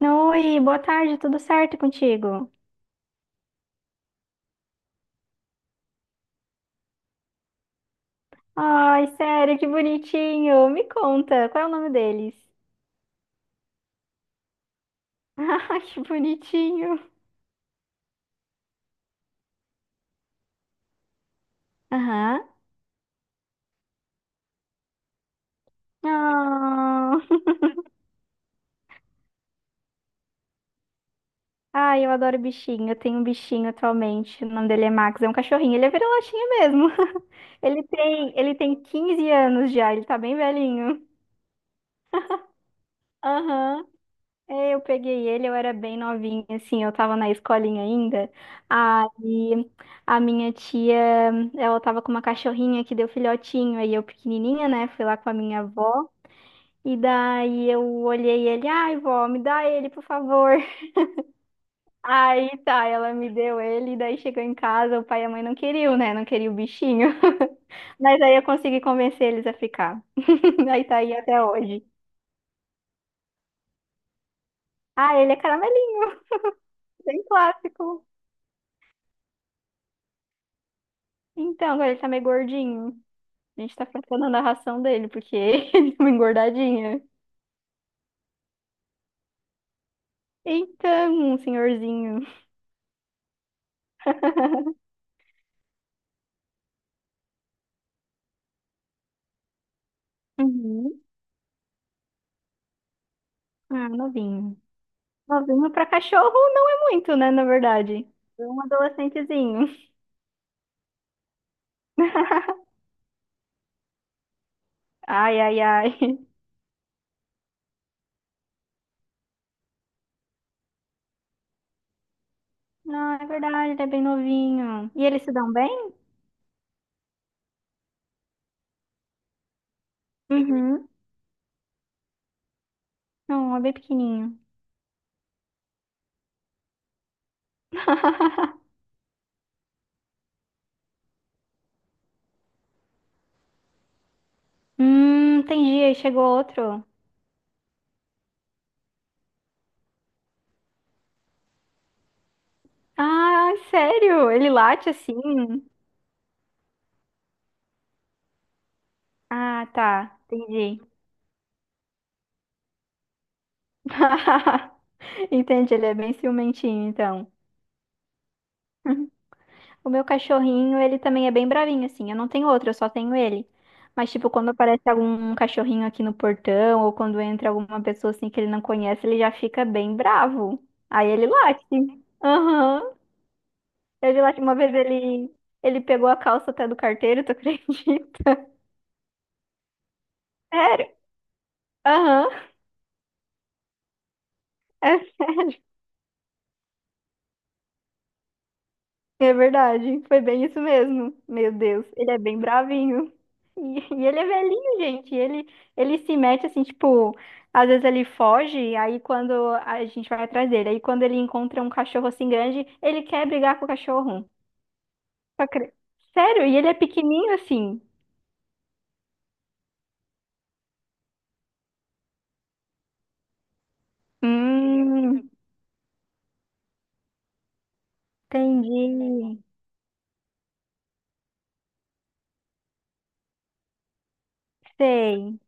Oi, boa tarde, tudo certo contigo? Ai, sério, que bonitinho. Me conta, qual é o nome deles? Ai, que bonitinho. Aham. Ah. Ai, eu adoro bichinho. Eu tenho um bichinho atualmente. O nome dele é Max, é um cachorrinho. Ele é vira-latinha mesmo. Ele tem 15 anos já, ele tá bem velhinho. Aham. É, eu peguei ele, eu era bem novinha, assim, eu tava na escolinha ainda. Aí a minha tia, ela tava com uma cachorrinha que deu filhotinho, aí eu pequenininha, né, fui lá com a minha avó. E daí eu olhei ele, ai, vó, me dá ele, por favor. Aí tá, ela me deu ele, e daí chegou em casa, o pai e a mãe não queriam, né, não queriam o bichinho. Mas aí eu consegui convencer eles a ficar. Aí tá aí até hoje. Ah, ele é caramelinho, bem clássico. Então, agora ele tá meio gordinho. A gente tá faltando a narração dele, porque ele é uma engordadinha. Então, um senhorzinho. Uhum. Ah, novinho. Novinho pra cachorro não é muito, né, na verdade. É um adolescentezinho. Ai, ai, ai. Não, é verdade, ele é bem novinho. E eles se dão bem? Uhum. Não, é bem pequenininho. Entendi, aí chegou outro. Ah, sério? Ele late assim? Ah, tá, entendi. Entende, ele é bem ciumentinho, então. O meu cachorrinho, ele também é bem bravinho, assim. Eu não tenho outro, eu só tenho ele. Mas, tipo, quando aparece algum cachorrinho aqui no portão, ou quando entra alguma pessoa, assim, que ele não conhece, ele já fica bem bravo. Aí ele late. Aham. Ele late. Uma vez ele pegou a calça até do carteiro, tu acredita? Sério? Aham. É sério. É verdade, foi bem isso mesmo. Meu Deus, ele é bem bravinho. E ele é velhinho, gente. Ele se mete assim, tipo, às vezes ele foge, aí quando a gente vai atrás dele, aí quando ele encontra um cachorro assim grande, ele quer brigar com o cachorro. Só cre- Sério, e ele é pequenininho assim. Hum, entendi. Sei.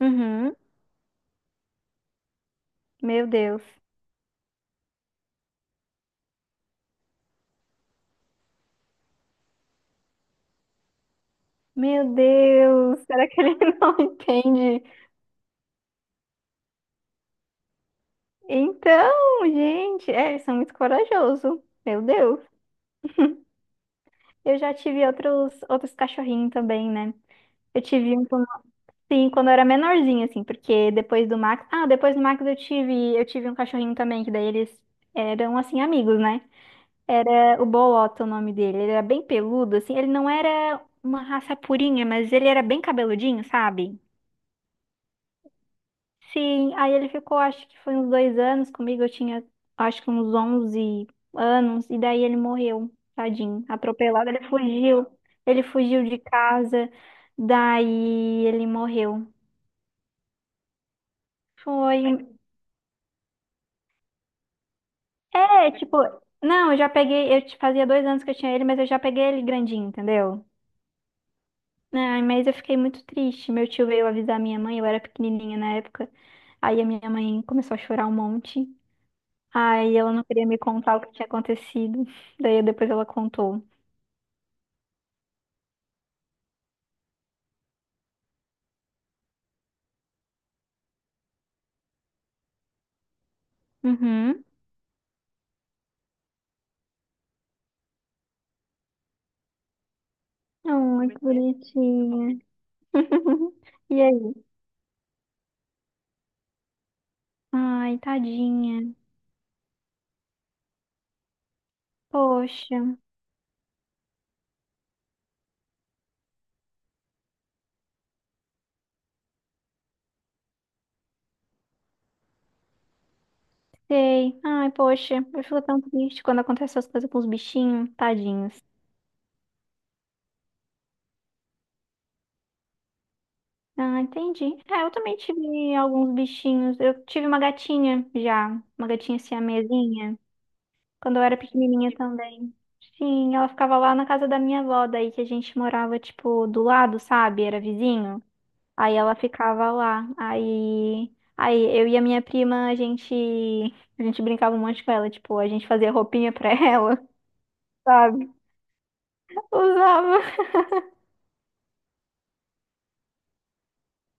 Uhum. Meu Deus. Meu Deus, será que ele não entende? Então, gente, é, eles são muito corajosos. Meu Deus. Eu já tive outros cachorrinhos também, né? Eu tive um quando, sim, quando eu era menorzinha, assim, porque depois do Max. Ah, depois do Max eu tive um cachorrinho também, que daí eles eram, assim, amigos, né? Era o Bolota o nome dele. Ele era bem peludo, assim. Ele não era uma raça purinha, mas ele era bem cabeludinho, sabe? Sim, aí ele ficou, acho que foi uns 2 anos comigo, eu tinha, acho que uns 11 anos, e daí ele morreu, tadinho, atropelado, ele fugiu de casa, daí ele morreu. Foi, um, é, tipo, não, eu já peguei, fazia 2 anos que eu tinha ele, mas eu já peguei ele grandinho, entendeu? Ai, mas eu fiquei muito triste, meu tio veio avisar minha mãe, eu era pequenininha na época, aí a minha mãe começou a chorar um monte. Aí ela não queria me contar o que tinha acontecido. Daí depois ela contou. Uhum. Ai, que bonitinha. E aí? Ai, tadinha. Poxa, sei. Ai, poxa, eu fico tão triste quando acontecem essas coisas com os bichinhos, tadinhos. Ah, entendi. É, eu também tive alguns bichinhos. Eu tive uma gatinha já, uma gatinha siamesinha. Quando eu era pequenininha também. Sim, ela ficava lá na casa da minha avó, daí que a gente morava, tipo, do lado, sabe? Era vizinho. Aí ela ficava lá. Aí eu e a minha prima, a gente brincava um monte com ela, tipo, a gente fazia roupinha pra ela, sabe? Usava.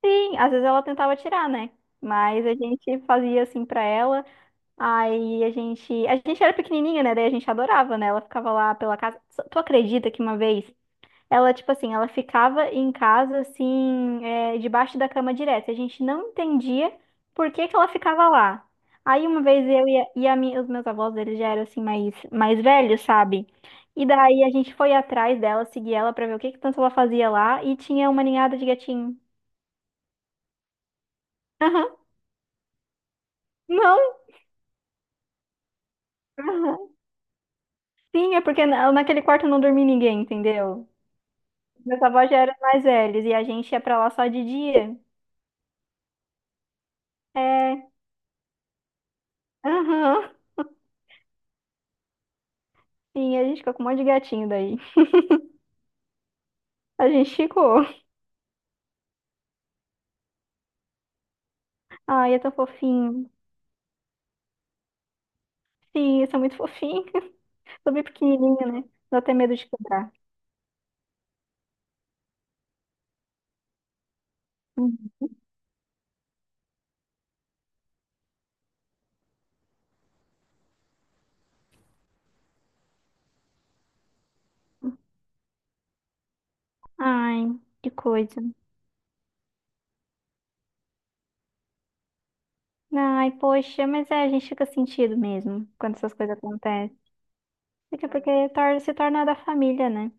Sim, às vezes ela tentava tirar, né? Mas a gente fazia assim pra ela. Aí a gente era pequenininha, né? Daí a gente adorava, né? Ela ficava lá pela casa. Tu acredita que uma vez ela, tipo assim, ela ficava em casa, assim, é, debaixo da cama direto. E a gente não entendia por que que ela ficava lá. Aí uma vez eu e a minha- os meus avós, eles já eram, assim, mais velhos, sabe? E daí a gente foi atrás dela, seguir ela pra ver o que que tanto ela fazia lá. E tinha uma ninhada de gatinho. Aham. Não. Aham. Sim, é porque naquele quarto não dormia ninguém, entendeu? Meus avós já eram mais velhos e a gente ia pra lá só de dia. É. Aham. Sim, a gente ficou com um monte de gatinho daí. A gente chegou. Ai, é tão fofinho. Sim, isso é muito fofinho. Tô bem pequenininho, né? Dá até medo de quebrar. Uhum. Ai, que coisa. Ai, poxa, mas é, a gente fica sentido mesmo quando essas coisas acontecem. Fica porque se torna da família, né?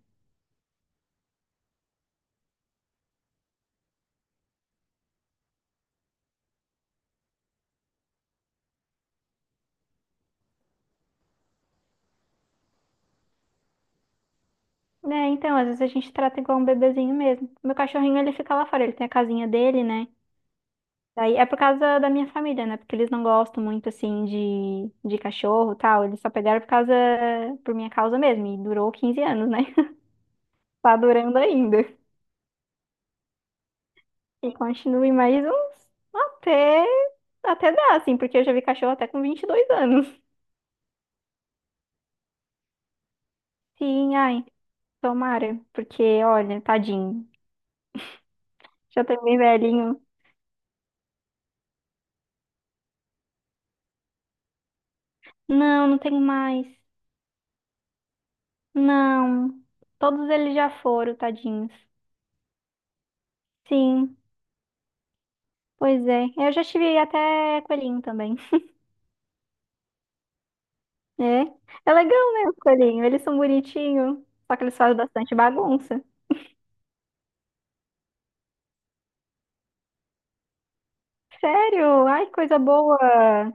É, então, às vezes a gente trata igual um bebezinho mesmo. Meu cachorrinho, ele fica lá fora, ele tem a casinha dele, né? Daí é por causa da minha família, né? Porque eles não gostam muito, assim, de cachorro e tal. Eles só pegaram por causa, por minha causa mesmo. E durou 15 anos, né? Tá durando ainda. E continue mais uns até, até dar, assim, porque eu já vi cachorro até com 22 anos. Sim, ai, tomara. Porque, olha, tadinho. Já tô bem velhinho. Não, não tenho mais. Não. Todos eles já foram, tadinhos. Sim, pois é. Eu já tive até coelhinho também. É. É legal, né, os coelhinhos? Eles são bonitinhos. Só que eles fazem bastante bagunça. Sério? Ai, coisa boa.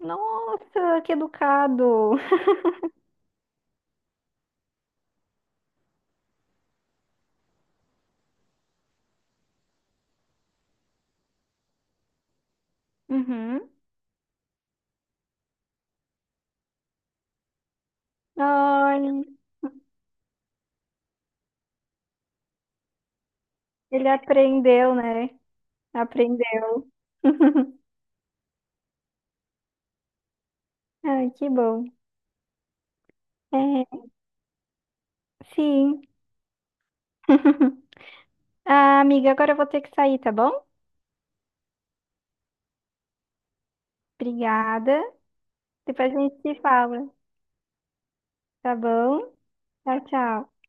Nossa, que educado. Uhum. Ai, ele aprendeu, né? Aprendeu. Ai, que bom. É, sim. Ah, amiga, agora eu vou ter que sair, tá bom? Obrigada. Depois a gente se fala, tá bom? Tchau, tchau.